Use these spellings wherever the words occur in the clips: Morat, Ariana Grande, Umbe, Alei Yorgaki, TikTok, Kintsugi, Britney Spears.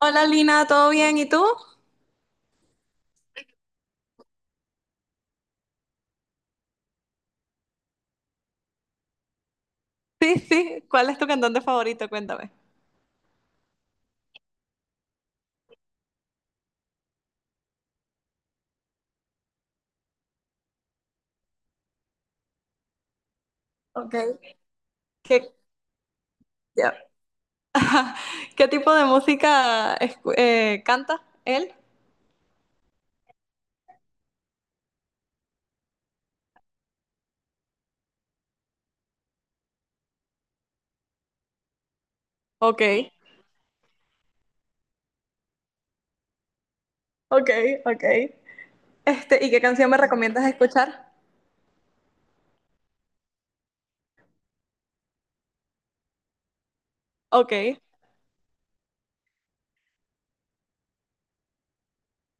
Hola Lina, ¿todo bien? ¿Y tú? Sí, sí. ¿Cuál es tu cantante favorito? Cuéntame. Ok. ¿Qué, ya. ¿Qué tipo de música canta él? Ok. Ok, ok. Este, ¿y qué canción me recomiendas escuchar? Ok.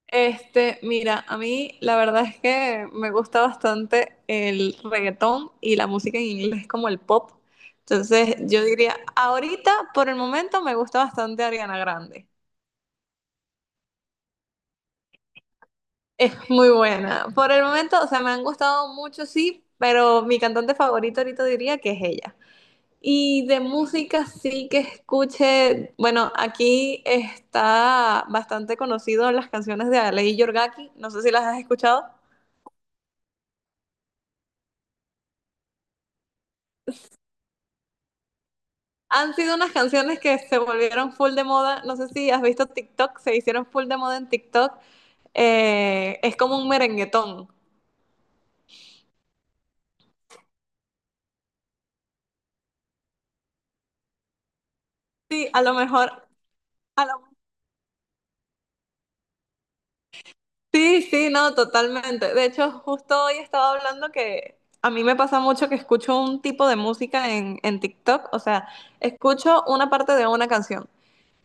Este, mira, a mí la verdad es que me gusta bastante el reggaetón y la música en inglés como el pop. Entonces, yo diría, ahorita, por el momento, me gusta bastante Ariana Grande. Es muy buena. Por el momento, o sea, me han gustado mucho, sí, pero mi cantante favorito ahorita diría que es ella. Y de música sí que escuche, bueno, aquí está bastante conocido las canciones de Alei Yorgaki, no sé si las has escuchado. Han sido unas canciones que se volvieron full de moda, no sé si has visto TikTok, se hicieron full de moda en TikTok. Es como un merenguetón. Sí, a lo mejor. Sí, sí, no, totalmente. De hecho, justo hoy estaba hablando que a mí me pasa mucho que escucho un tipo de música en TikTok, o sea, escucho una parte de una canción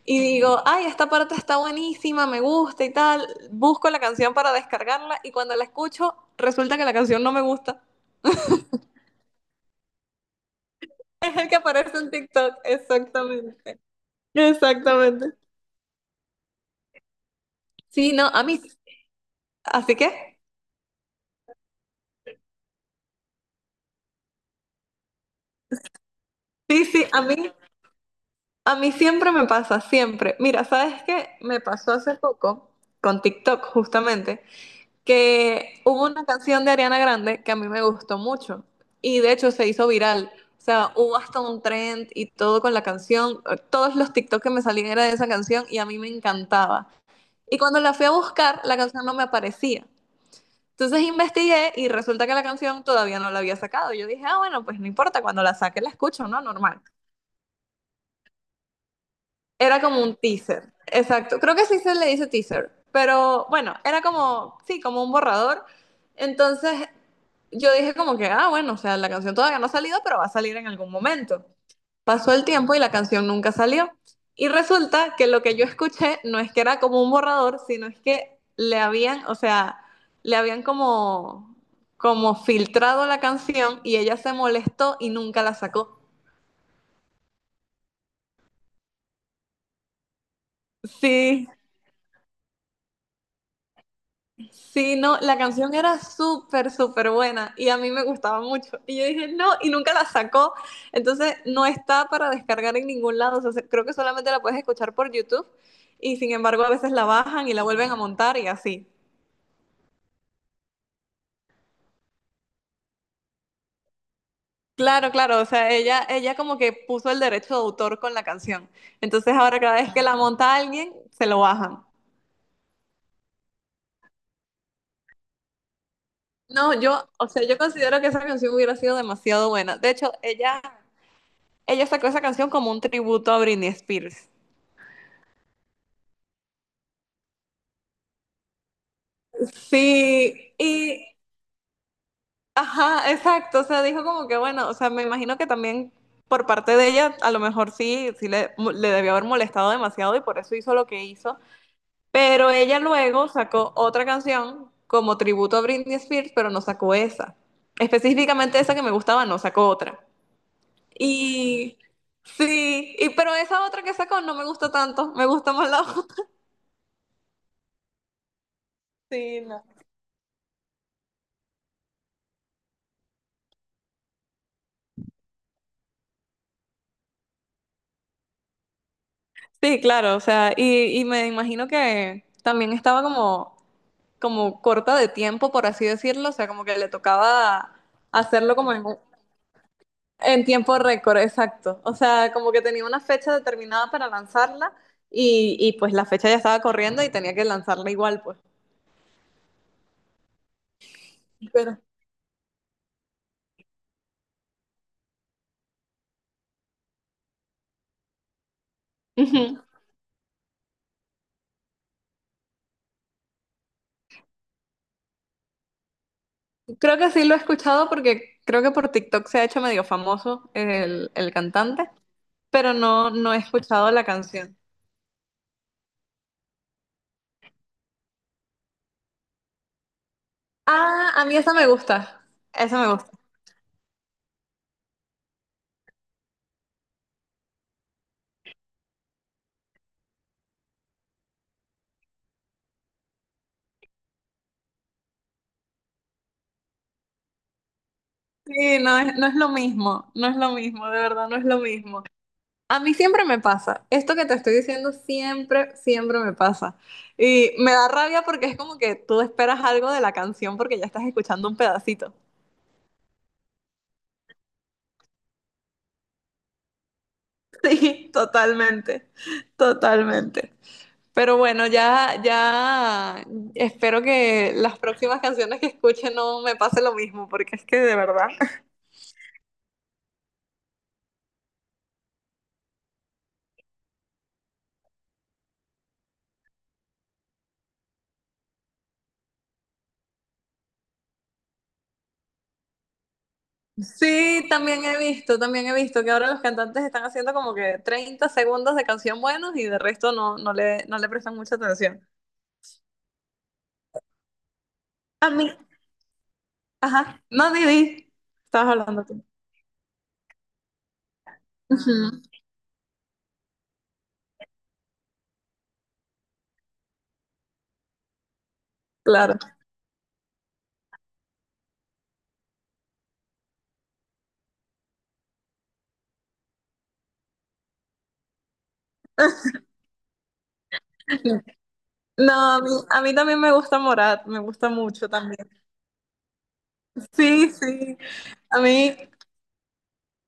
y digo, ay, esta parte está buenísima, me gusta y tal, busco la canción para descargarla y cuando la escucho resulta que la canción no me gusta. Es el que aparece en TikTok, exactamente, exactamente. Sí, no, a mí, así que, sí, sí, a mí. A mí siempre me pasa, siempre. Mira, ¿sabes qué? Me pasó hace poco con TikTok, justamente, que hubo una canción de Ariana Grande que a mí me gustó mucho y de hecho se hizo viral. O sea, hubo hasta un trend y todo con la canción. Todos los TikTok que me salían era de esa canción y a mí me encantaba. Y cuando la fui a buscar, la canción no me aparecía. Entonces investigué y resulta que la canción todavía no la había sacado. Yo dije, ah, bueno, pues no importa, cuando la saque la escucho, ¿no? Normal. Era como un teaser, exacto. Creo que sí se le dice teaser, pero bueno, era como, sí, como un borrador. Entonces yo dije como que, ah, bueno, o sea, la canción todavía no ha salido, pero va a salir en algún momento. Pasó el tiempo y la canción nunca salió. Y resulta que lo que yo escuché no es que era como un borrador, sino es que le habían, o sea, le habían como, como filtrado la canción y ella se molestó y nunca la sacó. Sí. Sí, no, la canción era súper, súper buena y a mí me gustaba mucho. Y yo dije, no, y nunca la sacó. Entonces, no está para descargar en ningún lado. O sea, creo que solamente la puedes escuchar por YouTube y sin embargo a veces la bajan y la vuelven a montar y así. Claro, claro, o sea, ella como que puso el derecho de autor con la canción. Entonces, ahora cada vez que la monta alguien, se lo bajan. No, yo, o sea, yo considero que esa canción hubiera sido demasiado buena. De hecho, ella sacó esa canción como un tributo a Britney Spears. Sí, y ajá, exacto. O sea, dijo como que bueno, o sea, me imagino que también por parte de ella, a lo mejor sí, sí le debió haber molestado demasiado y por eso hizo lo que hizo. Pero ella luego sacó otra canción como tributo a Britney Spears, pero no sacó esa. Específicamente esa que me gustaba, no sacó otra. Y sí, y pero esa otra que sacó no me gustó tanto, me gusta más la otra. Sí, no. Sí, claro, o sea, y me imagino que también estaba como corta de tiempo, por así decirlo, o sea, como que le tocaba hacerlo como en tiempo récord, exacto. O sea, como que tenía una fecha determinada para lanzarla y pues la fecha ya estaba corriendo y tenía que lanzarla igual, pues. Pero, Ujú. Creo que sí lo he escuchado porque creo que por TikTok se ha hecho medio famoso el cantante, pero no he escuchado la canción. Ah, a mí esa me gusta, esa me gusta. Sí, no es, no es lo mismo, no es lo mismo, de verdad, no es lo mismo. A mí siempre me pasa. Esto que te estoy diciendo siempre, siempre me pasa. Y me da rabia porque es como que tú esperas algo de la canción porque ya estás escuchando un pedacito. Sí, totalmente, totalmente. Pero bueno, ya, ya espero que las próximas canciones que escuche no me pase lo mismo, porque es que de verdad. Sí, también he visto que ahora los cantantes están haciendo como que 30 segundos de canción buenos y de resto no le prestan mucha atención. A mí, Ajá, no, ni di. Estabas hablando tú. Ujú. Claro. No, a mí, también me gusta Morat, me gusta mucho también. Sí, sí. A mí,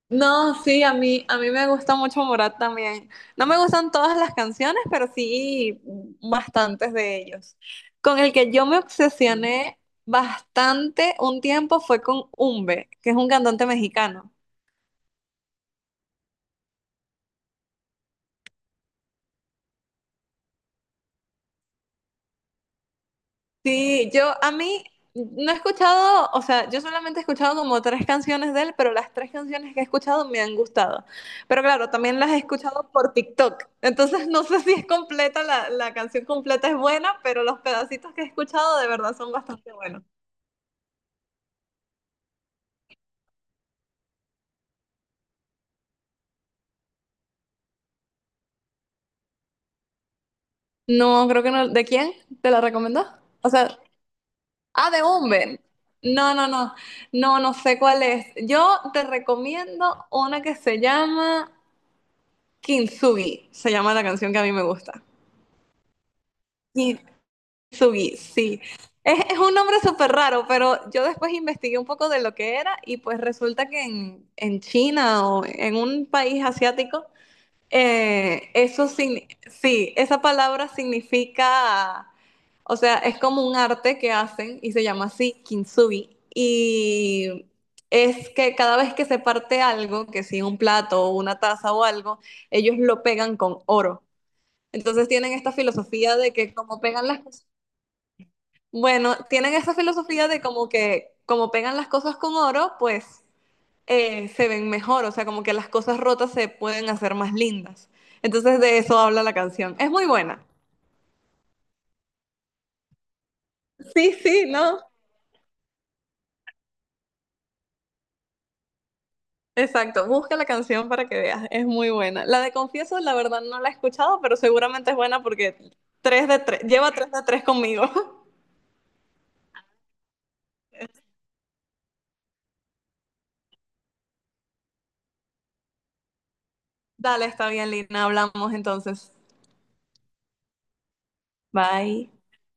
no, sí, a mí me gusta mucho Morat también. No me gustan todas las canciones, pero sí bastantes de ellos. Con el que yo me obsesioné bastante un tiempo fue con Umbe, que es un cantante mexicano. Sí, yo a mí no he escuchado, o sea, yo solamente he escuchado como tres canciones de él, pero las tres canciones que he escuchado me han gustado. Pero claro, también las he escuchado por TikTok. Entonces no sé si es completa, la canción completa es buena, pero los pedacitos que he escuchado de verdad son bastante buenos. No, creo que no. ¿De quién? ¿Te la recomendó? O sea, ah, de Umben. No, no, no. No, no sé cuál es. Yo te recomiendo una que se llama Kintsugi. Se llama la canción que a mí me gusta. Sugi, sí. Es un nombre súper raro, pero yo después investigué un poco de lo que era y pues resulta que en China o en un país asiático, sí, esa palabra significa, o sea, es como un arte que hacen y se llama así kintsugi y es que cada vez que se parte algo, que si un plato o una taza o algo, ellos lo pegan con oro. Entonces tienen esta filosofía de que como pegan las cosas bueno, tienen esa filosofía de como que como pegan las cosas con oro, pues se ven mejor, o sea, como que las cosas rotas se pueden hacer más lindas. Entonces de eso habla la canción. Es muy buena. Sí, sí, ¿no? Exacto, busca la canción para que veas, es muy buena. La de Confieso, la verdad no la he escuchado, pero seguramente es buena porque tres de tres lleva tres de tres conmigo. Dale, está bien, Lina, hablamos entonces. Bye.